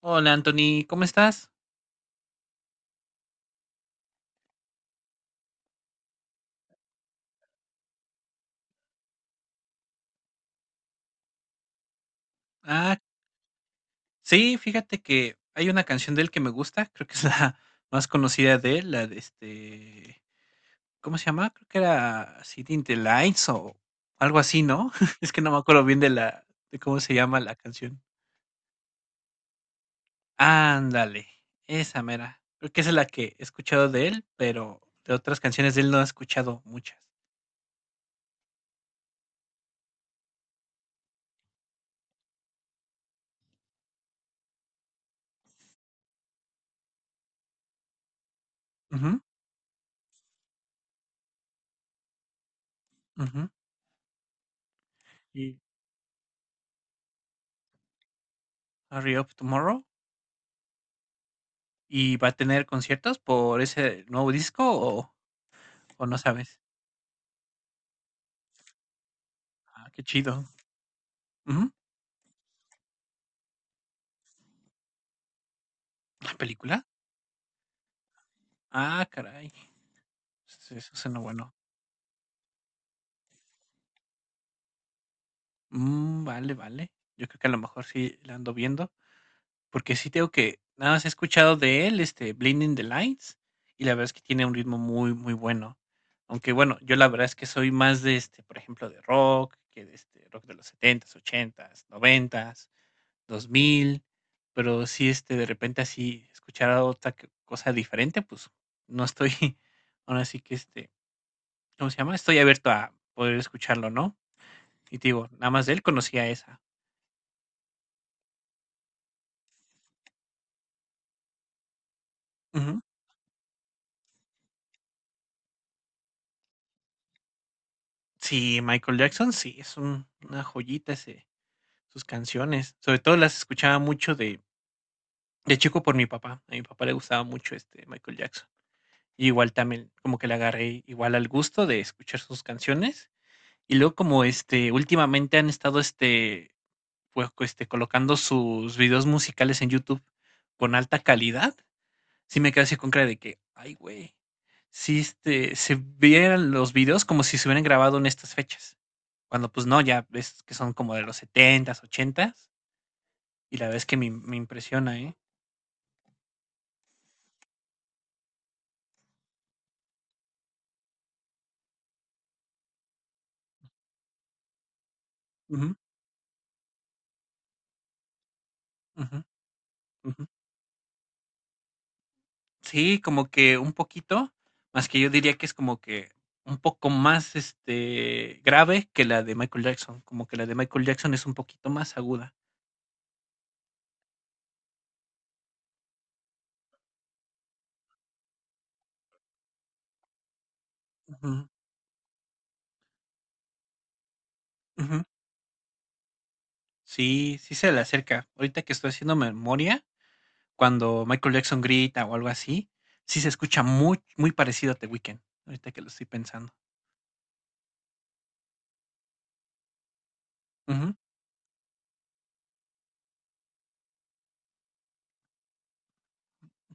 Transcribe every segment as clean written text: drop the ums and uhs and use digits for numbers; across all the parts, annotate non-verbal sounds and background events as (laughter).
Hola Anthony, ¿cómo estás? Ah, sí, fíjate que hay una canción de él que me gusta, creo que es la (laughs) más conocida de él, la de ¿cómo se llama? Creo que era City in the Lights o algo así, ¿no? (laughs) Es que no me acuerdo bien de cómo se llama la canción. Ándale, esa mera. Creo que esa es la que he escuchado de él, pero de otras canciones de él no he escuchado muchas. Ujú, ujú. Y Hurry Up Tomorrow. ¿Y va a tener conciertos por ese nuevo disco o? ¿O no sabes? Ah, qué chido. Ujú. ¿La película? Ah, caray. Eso suena bueno. Mm, vale, vale. Yo creo que a lo mejor sí la ando viendo, porque sí tengo que, nada más he escuchado de él, Blinding the Lights, y la verdad es que tiene un ritmo muy, muy bueno. Aunque bueno, yo la verdad es que soy más de por ejemplo, de rock, que de este rock de los setentas ochentas noventas dos mil, pero sí, de repente así escuchar a otra c cosa diferente, pues, no estoy (laughs) ahora sí que, ¿cómo se llama? Estoy abierto a poder escucharlo, ¿no? Y te digo, nada más de él conocía esa. Ujú. Sí, Michael Jackson, sí, es un una joyita ese sus canciones. Sobre todo las escuchaba mucho de chico por mi papá. A mi papá le gustaba mucho, Michael Jackson. Y igual también como que le agarré igual al gusto de escuchar sus canciones. Y luego como, últimamente han estado, pues, colocando sus videos musicales en YouTube con alta calidad. Sí me quedé así con cara de que, ay, güey, sí, se vieran los videos como si se hubieran grabado en estas fechas. Cuando pues no, ya ves que son como de los setentas ochentas y la verdad es que me impresiona, ¿eh? Ujú, ujú, ujú. Sí, como que un poquito, más que yo diría que es como que un poco más, grave que la de Michael Jackson, como que la de Michael Jackson es un poquito más aguda. Ujú, ujú. Sí, sí se le acerca. Ahorita que estoy haciendo memoria, cuando Michael Jackson grita o algo así, sí se escucha muy, muy parecido a The Weeknd, ahorita que lo estoy pensando. Ujú.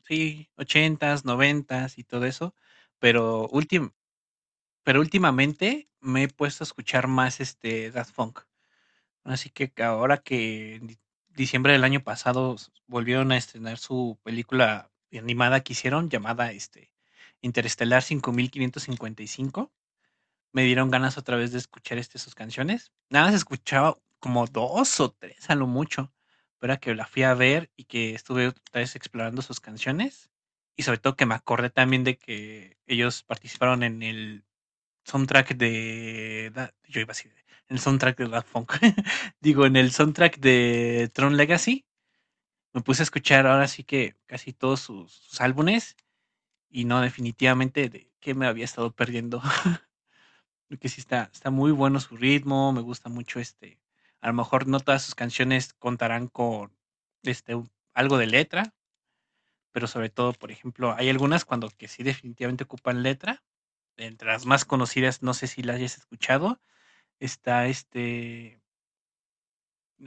Sí, ochentas, noventas y todo eso, pero últim- pero últimamente me he puesto a escuchar más este Daft Punk. Así que ahora que en diciembre del año pasado volvieron a estrenar su película animada que hicieron llamada Interestelar 5555. Me dieron ganas otra vez de escuchar, sus canciones. Nada más escuchaba como 2 o 3, a lo mucho, pero ahora que la fui a ver y que estuve otra vez explorando sus canciones, y sobre todo que me acordé también de que ellos participaron en el soundtrack de da yo iba a decir, en el soundtrack de Daft Punk, (laughs) digo, en el soundtrack de Tron Legacy, me puse a escuchar ahora sí que casi todos sus álbumes y no, definitivamente de qué me había estado perdiendo. Creo que sí está muy bueno su ritmo, me gusta mucho, a lo mejor no todas sus canciones contarán con, un algo de letra, pero sobre todo, por ejemplo, hay algunas cuando que sí definitivamente ocupan letra, entre las más conocidas, no sé si las hayas escuchado, está,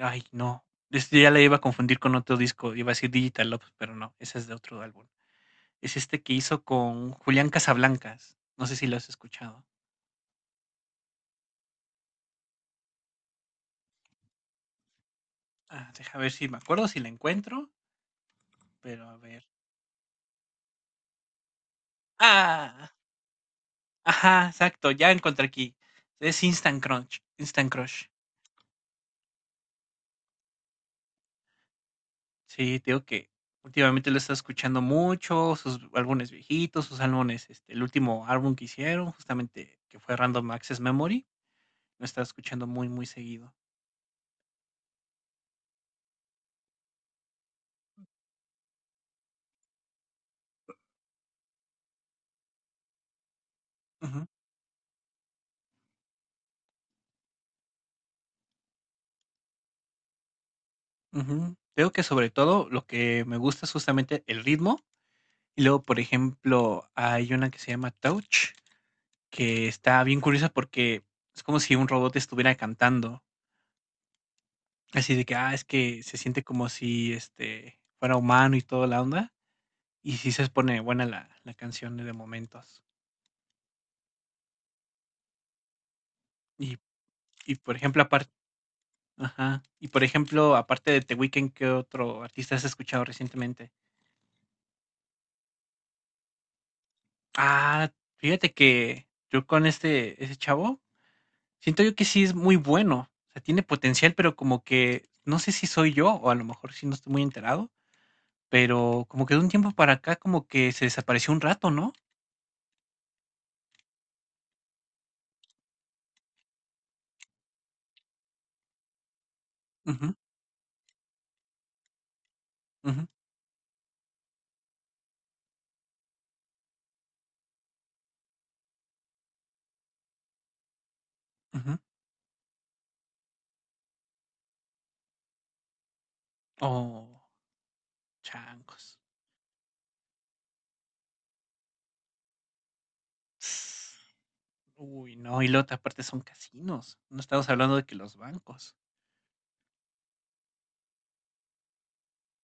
ay, no, ya la iba a confundir con otro disco, iba a decir Digital Love, pero no, esa es de otro álbum. Es este que hizo con Julián Casablancas, no sé si lo has escuchado. Ah, deja ver si me acuerdo, si la encuentro, pero a ver. Ah, ajá, exacto, ya encontré aquí. Es Instant Crunch, Instant Crush. Sí, te digo que últimamente lo he estado escuchando mucho, sus álbumes viejitos, sus álbumes, el último álbum que hicieron, justamente que fue Random Access Memory, lo he estado escuchando muy, muy seguido. Ujú, ujú. Te digo que sobre todo lo que me gusta es justamente el ritmo. Y luego, por ejemplo, hay una que se llama Touch, que está bien curiosa porque es como si un robot estuviera cantando. Así de que, ah, es que se siente como si, fuera humano y toda la onda, y sí se pone buena la canción de momentos. Y y por ejemplo, aparte, ajá, y por ejemplo, aparte de The Weeknd, ¿qué otro artista has escuchado recientemente? Ah, fíjate que yo con ese chavo, siento yo que sí es muy bueno, o sea, tiene potencial, pero como que no sé si soy yo, o a lo mejor sí no estoy muy enterado, pero como que de un tiempo para acá como que se desapareció un rato, ¿no? Ujú, ujú, ujú. Oh, chancos. Ss. Uy, no, y luego te aparte son casinos. No estamos hablando de que los bancos.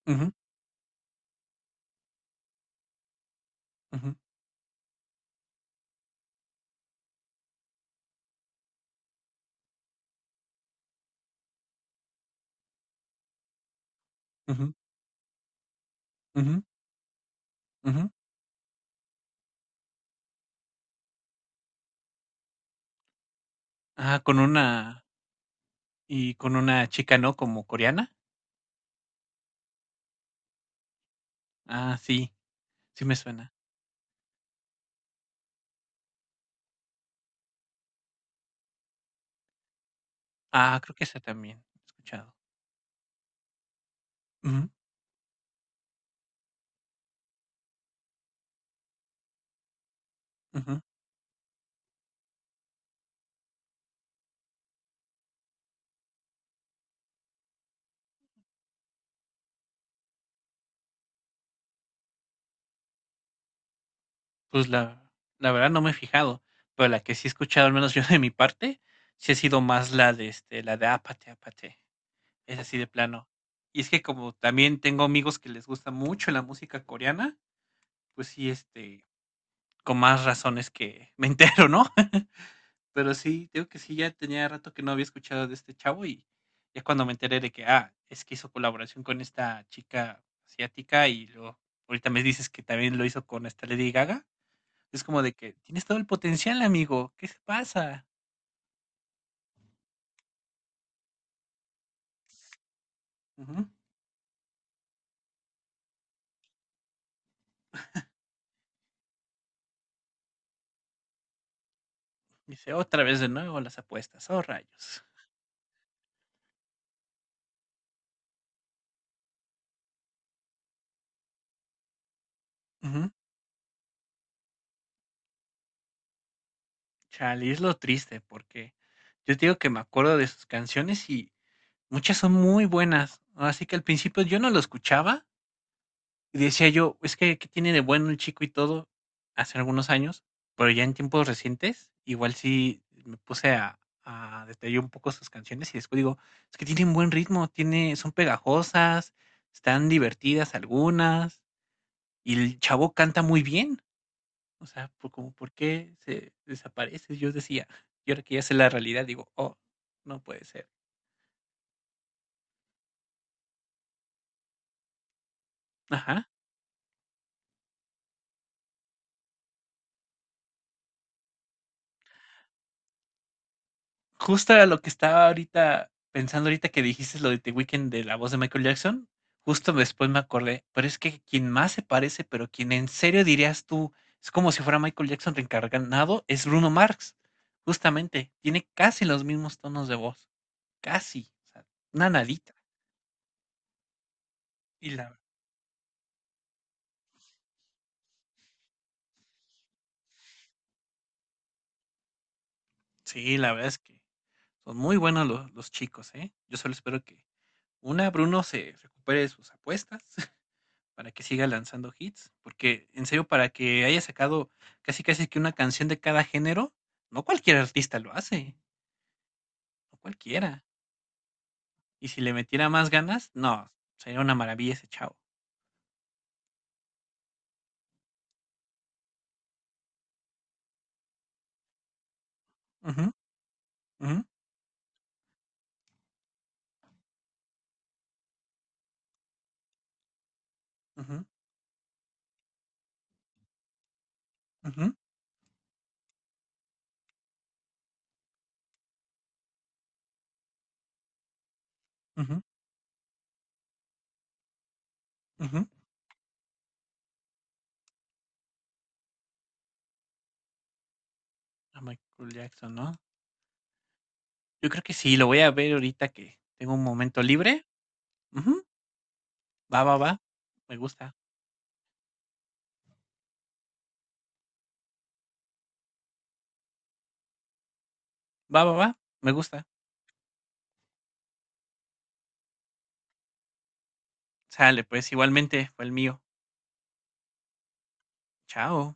Ujú, ujú, ujú, ujú, ujú. Ah, con una y con una chica, ¿no? Como coreana. Ah, sí, sí me suena. Ah, creo que esa también he escuchado. Ujú, ujú. Pues la verdad no me he fijado, pero la que sí he escuchado, al menos yo de mi parte, sí ha sido más la de la de Apate, Apate. Es así de plano. Y es que como también tengo amigos que les gusta mucho la música coreana, pues sí, con más razones que me entero, ¿no? (laughs) Pero sí, digo que sí, ya tenía rato que no había escuchado de este chavo y ya cuando me enteré de que, ah, es que hizo colaboración con esta chica asiática y luego ahorita me dices que también lo hizo con esta Lady Gaga, es como de que tienes todo el potencial, amigo, ¿qué se pasa? Ujú. Dice, otra vez de nuevo las apuestas, oh rayos. Chale, es lo triste porque yo te digo que me acuerdo de sus canciones y muchas son muy buenas, ¿no? Así que al principio yo no lo escuchaba y decía yo, es que ¿qué tiene de bueno el chico y todo? Hace algunos años, pero ya en tiempos recientes, igual sí me puse a detallar un poco sus canciones y después digo, es que tienen buen ritmo, tiene, son pegajosas, están divertidas algunas y el chavo canta muy bien. O sea, por como, ¿por qué se desaparece? Yo decía, y ahora que ya sé la realidad, digo, oh, no puede ser. Ajá. Justo a lo que estaba ahorita pensando ahorita que dijiste lo de The Weeknd de la voz de Michael Jackson, justo después me acordé, pero es que quien más se parece, pero quien en serio dirías tú, es como si fuera Michael Jackson reencarnado, es Bruno Mars. Justamente, tiene casi los mismos tonos de voz, casi, o sea, una nadita. Y sí, la verdad es que son muy buenos los chicos, ¿eh? Yo solo espero que Bruno se recupere de sus apuestas (laughs) para que siga lanzando hits, porque en serio, para que haya sacado casi casi que una canción de cada género, no cualquier artista lo hace, no cualquiera. Y si le metiera más ganas, no, sería una maravilla ese chavo. Ujú, ujú, ujú, ujú, ujú, ujú. A Michael Jackson, ¿no? Yo creo que sí, lo voy a ver ahorita que tengo un momento libre. Ujú, va, va, va, me gusta. Va, va, va, me gusta. Sale, pues igualmente fue el mío. Chao.